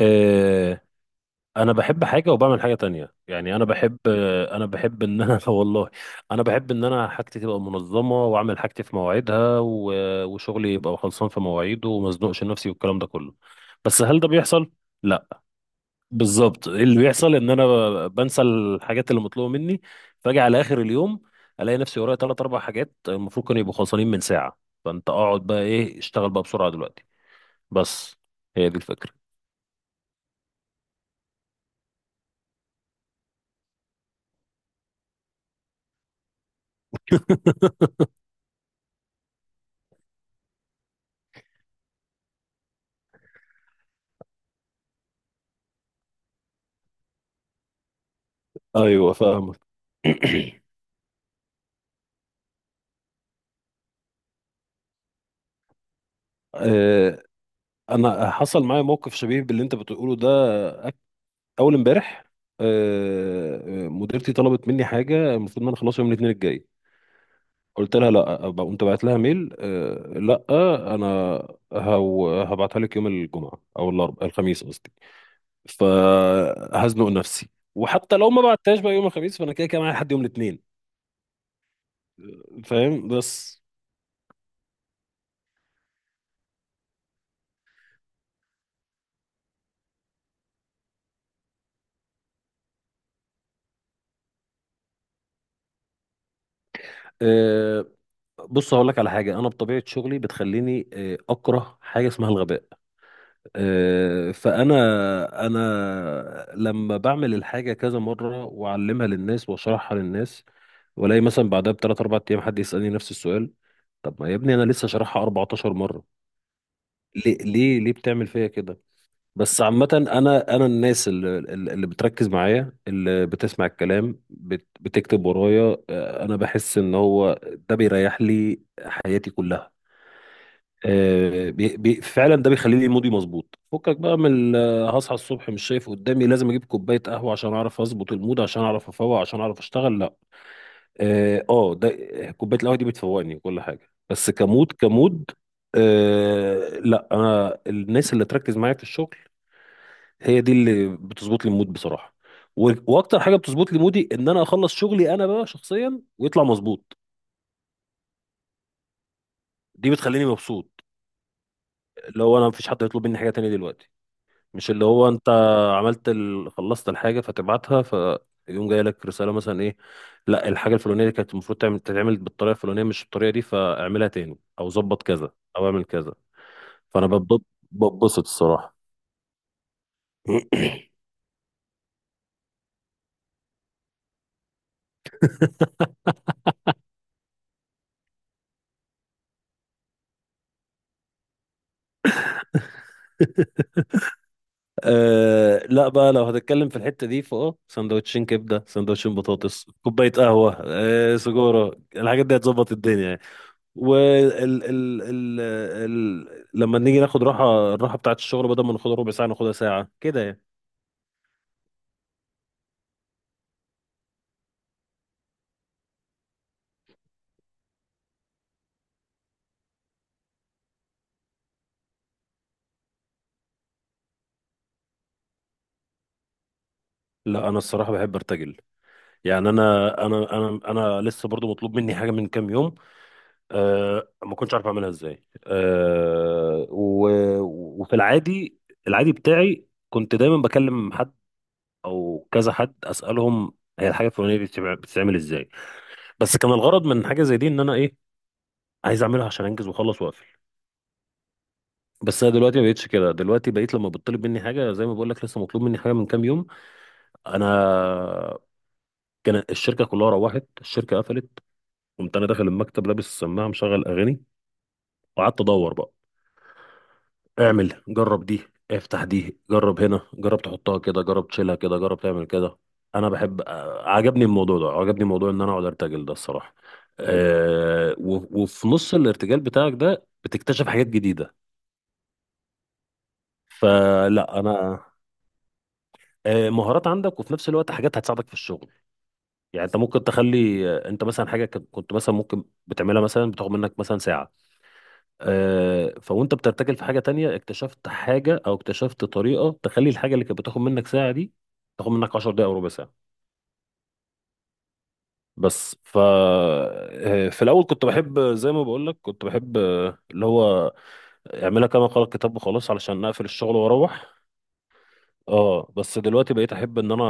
آه، انا بحب حاجه وبعمل حاجه تانية. يعني انا بحب، انا بحب ان انا والله انا بحب ان انا حاجتي تبقى منظمه واعمل حاجتي في مواعيدها وشغلي يبقى خلصان في مواعيده وما ازنقش نفسي والكلام ده كله. بس هل ده بيحصل؟ لا. بالظبط اللي بيحصل ان انا بنسى الحاجات اللي مطلوبه مني، فاجي على اخر اليوم الاقي نفسي ورايا ثلاث اربع حاجات المفروض كانوا يبقوا خلصانين من ساعه. فانت اقعد بقى ايه، اشتغل بقى بسرعه دلوقتي. بس هي دي الفكره. ايوه فاهمك. آه، انا حصل معايا موقف شبيه باللي انت بتقوله ده. أك- اول امبارح، مديرتي طلبت مني حاجه المفروض ان انا اخلصها يوم الاثنين الجاي. قلت لها لا قمت بعت لها ميل، لا انا هبعتها لك يوم الجمعه او الاربعاء، الخميس قصدي. فهزنق نفسي، وحتى لو ما بعتهاش بقى يوم الخميس فانا كده كده معايا لحد يوم الاثنين. فاهم؟ بس آه، بص هقول لك على حاجه. انا بطبيعه شغلي بتخليني اكره حاجه اسمها الغباء. فانا انا لما بعمل الحاجه كذا مره واعلمها للناس واشرحها للناس، والاقي مثلا بعدها بثلاث اربع ايام حد يسالني نفس السؤال، طب ما يا ابني انا لسه شارحها 14 مره. ليه ليه ليه بتعمل فيا كده؟ بس عامه انا الناس اللي، اللي بتركز معايا، اللي بتسمع الكلام بتكتب ورايا، انا بحس ان هو ده بيريح لي حياتي كلها. بي فعلا ده بيخلي لي مودي مظبوط. فكك بقى من هصحى الصبح مش شايف قدامي لازم اجيب كوبايه قهوه عشان اعرف اظبط المود عشان اعرف افوق عشان اعرف اشتغل. لا اه، ده كوبايه القهوه دي بتفوقني وكل حاجه بس كمود كمود. لا انا الناس اللي تركز معايا في الشغل هي دي اللي بتظبط لي المود بصراحه. واكتر حاجه بتظبط لي مودي ان انا اخلص شغلي انا بقى شخصيا ويطلع مظبوط. دي بتخليني مبسوط. لو انا مفيش حد يطلب مني حاجه تانية دلوقتي، مش اللي هو انت عملت خلصت الحاجه فتبعتها فيقوم جاي لك رساله مثلا ايه، لا الحاجه الفلانيه دي كانت المفروض تتعمل بالطريقه الفلانيه مش الطريقه دي، فاعملها تاني او ظبط كذا او اعمل كذا. فانا ببض- ببسط الصراحه. أه لا بقى، لو هتتكلم في الحتة دي فاه، سندوتشين كبدة سندوتشين بطاطس كوباية قهوة أه سجارة، الحاجات دي هتظبط الدنيا يعني. وال ال ال ال لما نيجي ناخد راحة، الراحة بتاعت الشغل بدل ما ناخدها ربع ساعة ناخدها ساعة كده يعني. لا انا الصراحه بحب ارتجل. يعني انا لسه برضو مطلوب مني حاجه من كام يوم، أه ما كنتش عارف اعملها ازاي. أه، و وفي العادي، العادي بتاعي كنت دايما بكلم حد او كذا حد اسالهم، هي الحاجه الفلانيه دي بتتعمل ازاي. بس كان الغرض من حاجه زي دي ان انا ايه، عايز اعملها عشان انجز واخلص واقفل. بس انا دلوقتي ما بقتش كده. دلوقتي بقيت لما بتطلب مني حاجه، زي ما بقول لك لسه مطلوب مني حاجه من كام يوم، انا كان الشركه كلها روحت، الشركه قفلت، قمت انا داخل المكتب لابس السماعه مشغل اغاني، وقعدت ادور بقى. اعمل جرب دي، افتح دي، جرب هنا، جرب تحطها كده، جرب تشيلها كده، جرب تعمل كده. انا بحب، عجبني الموضوع ده، عجبني موضوع ان انا اقعد ارتجل ده الصراحه. أه، وفي نص الارتجال بتاعك ده بتكتشف حاجات جديده. فلا انا مهارات عندك وفي نفس الوقت حاجات هتساعدك في الشغل. يعني انت ممكن تخلي انت مثلا حاجه كنت مثلا ممكن بتعملها مثلا بتاخد منك مثلا ساعه، فوانت بترتجل في حاجه تانية، اكتشفت حاجه او اكتشفت طريقه تخلي الحاجه اللي كانت بتاخد منك ساعه دي تاخد منك 10 دقائق او ربع ساعه. بس ف آه، في الاول كنت بحب زي ما بقول لك، كنت بحب اللي هو اعملها كما قال الكتاب وخلاص علشان اقفل الشغل واروح. اه بس دلوقتي بقيت احب ان انا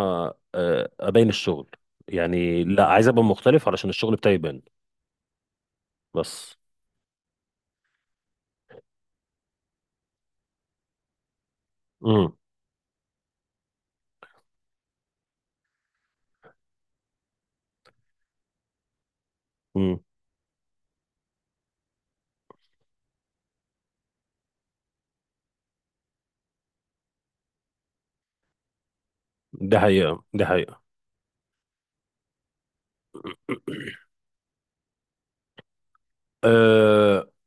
ابين الشغل. يعني لا، عايز ابقى مختلف علشان الشغل بتاعي يبان. بس امم امم، ده حقيقه ده حقيقه.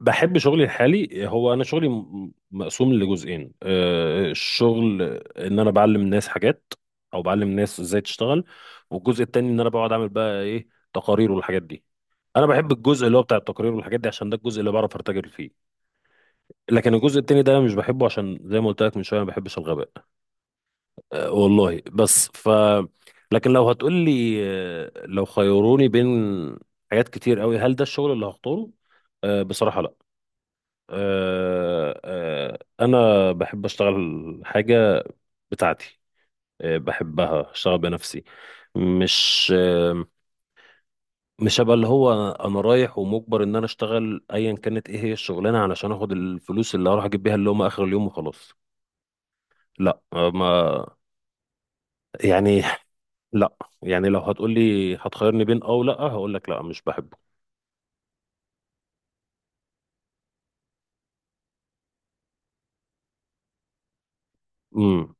بحب شغلي الحالي. هو انا شغلي مقسوم لجزئين، الشغل ان انا بعلم الناس حاجات او بعلم الناس ازاي تشتغل، والجزء التاني ان انا بقعد اعمل بقى ايه تقارير والحاجات دي. انا بحب الجزء اللي هو بتاع التقارير والحاجات دي عشان ده الجزء اللي بعرف ارتجل فيه. لكن الجزء التاني ده مش بحبه عشان زي ما قلت لك من شويه ما بحبش الغباء. أه والله. بس ف لكن لو هتقول لي لو خيروني بين حاجات كتير قوي، هل ده الشغل اللي هختاره؟ أه بصراحه لا. انا بحب اشتغل حاجه بتاعتي، بحبها اشتغل بنفسي. مش مش هبقى اللي هو انا رايح ومجبر ان انا اشتغل ايا كانت ايه هي الشغلانه علشان اخد الفلوس اللي هروح اجيب بيها اللقمه اخر اليوم وخلاص. لا ما يعني لا. يعني لو هتقولي هتخيرني بين اه، ولا، هقول لك لا مش بحبه. امم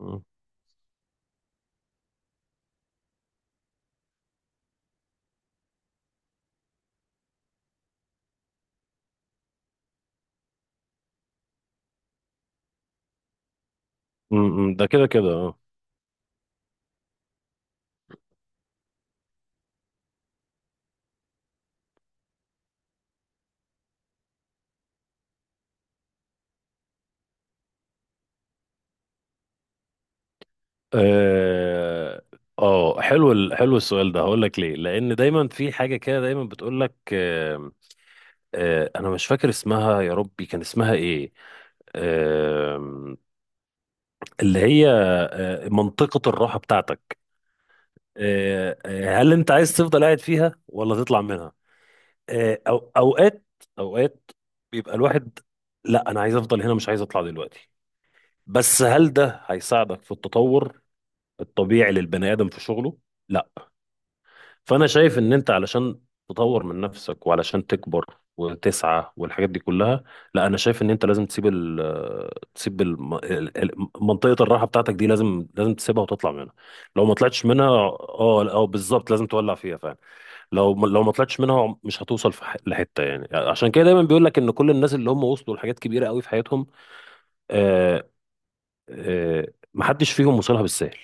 أمم، أمم، ده كده كده آه. اه حلو حلو السؤال ده. هقول لك ليه، لان دايما في حاجه كده دايما بتقول لك آه، آه انا مش فاكر اسمها، يا ربي كان اسمها ايه، آه اللي هي، آه منطقه الراحه بتاعتك. هل انت عايز تفضل قاعد فيها ولا تطلع منها؟ آه أو اوقات بيبقى الواحد، لا انا عايز افضل هنا مش عايز اطلع دلوقتي. بس هل ده هيساعدك في التطور الطبيعي للبني ادم في شغله؟ لا. فانا شايف ان انت علشان تطور من نفسك وعلشان تكبر وتسعى والحاجات دي كلها، لا انا شايف ان انت لازم تسيب تسيب منطقة الراحة بتاعتك دي، لازم لازم تسيبها وتطلع منها. لو ما طلعتش منها، اه اه بالظبط لازم تولع فيها فعلا. لو ما طلعتش منها مش هتوصل لحتة يعني. عشان كده دايما بيقول لك ان كل الناس اللي هم وصلوا لحاجات كبيرة قوي في حياتهم، آه آه محدش فيهم وصلها بالسهل.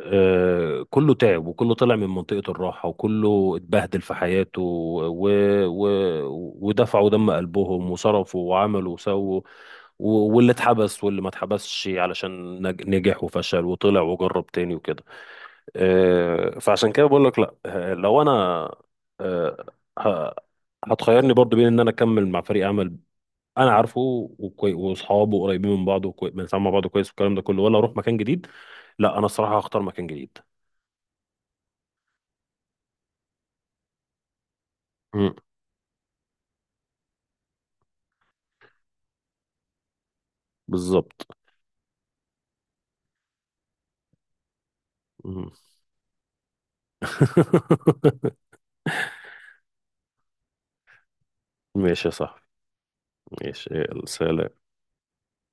كله تعب وكله طلع من منطقة الراحة وكله اتبهدل في حياته، و... و... ودفعوا دم قلبهم وصرفوا وعملوا وسووا، واللي اتحبس واللي ما اتحبسش، علشان نجح وفشل وطلع وجرب تاني وكده. فعشان كده بقول لك لا. لو انا آه، ه- هتخيرني برضو بين ان انا اكمل مع فريق عمل انا عارفه واصحابه قريبين من بعض بنسمع مع بعض كويس والكلام ده كله، ولا اروح مكان جديد، لا انا الصراحه هختار مكان جديد. مم. بالظبط. مم. ماشي يا صاحبي. ماشي يلا سلام.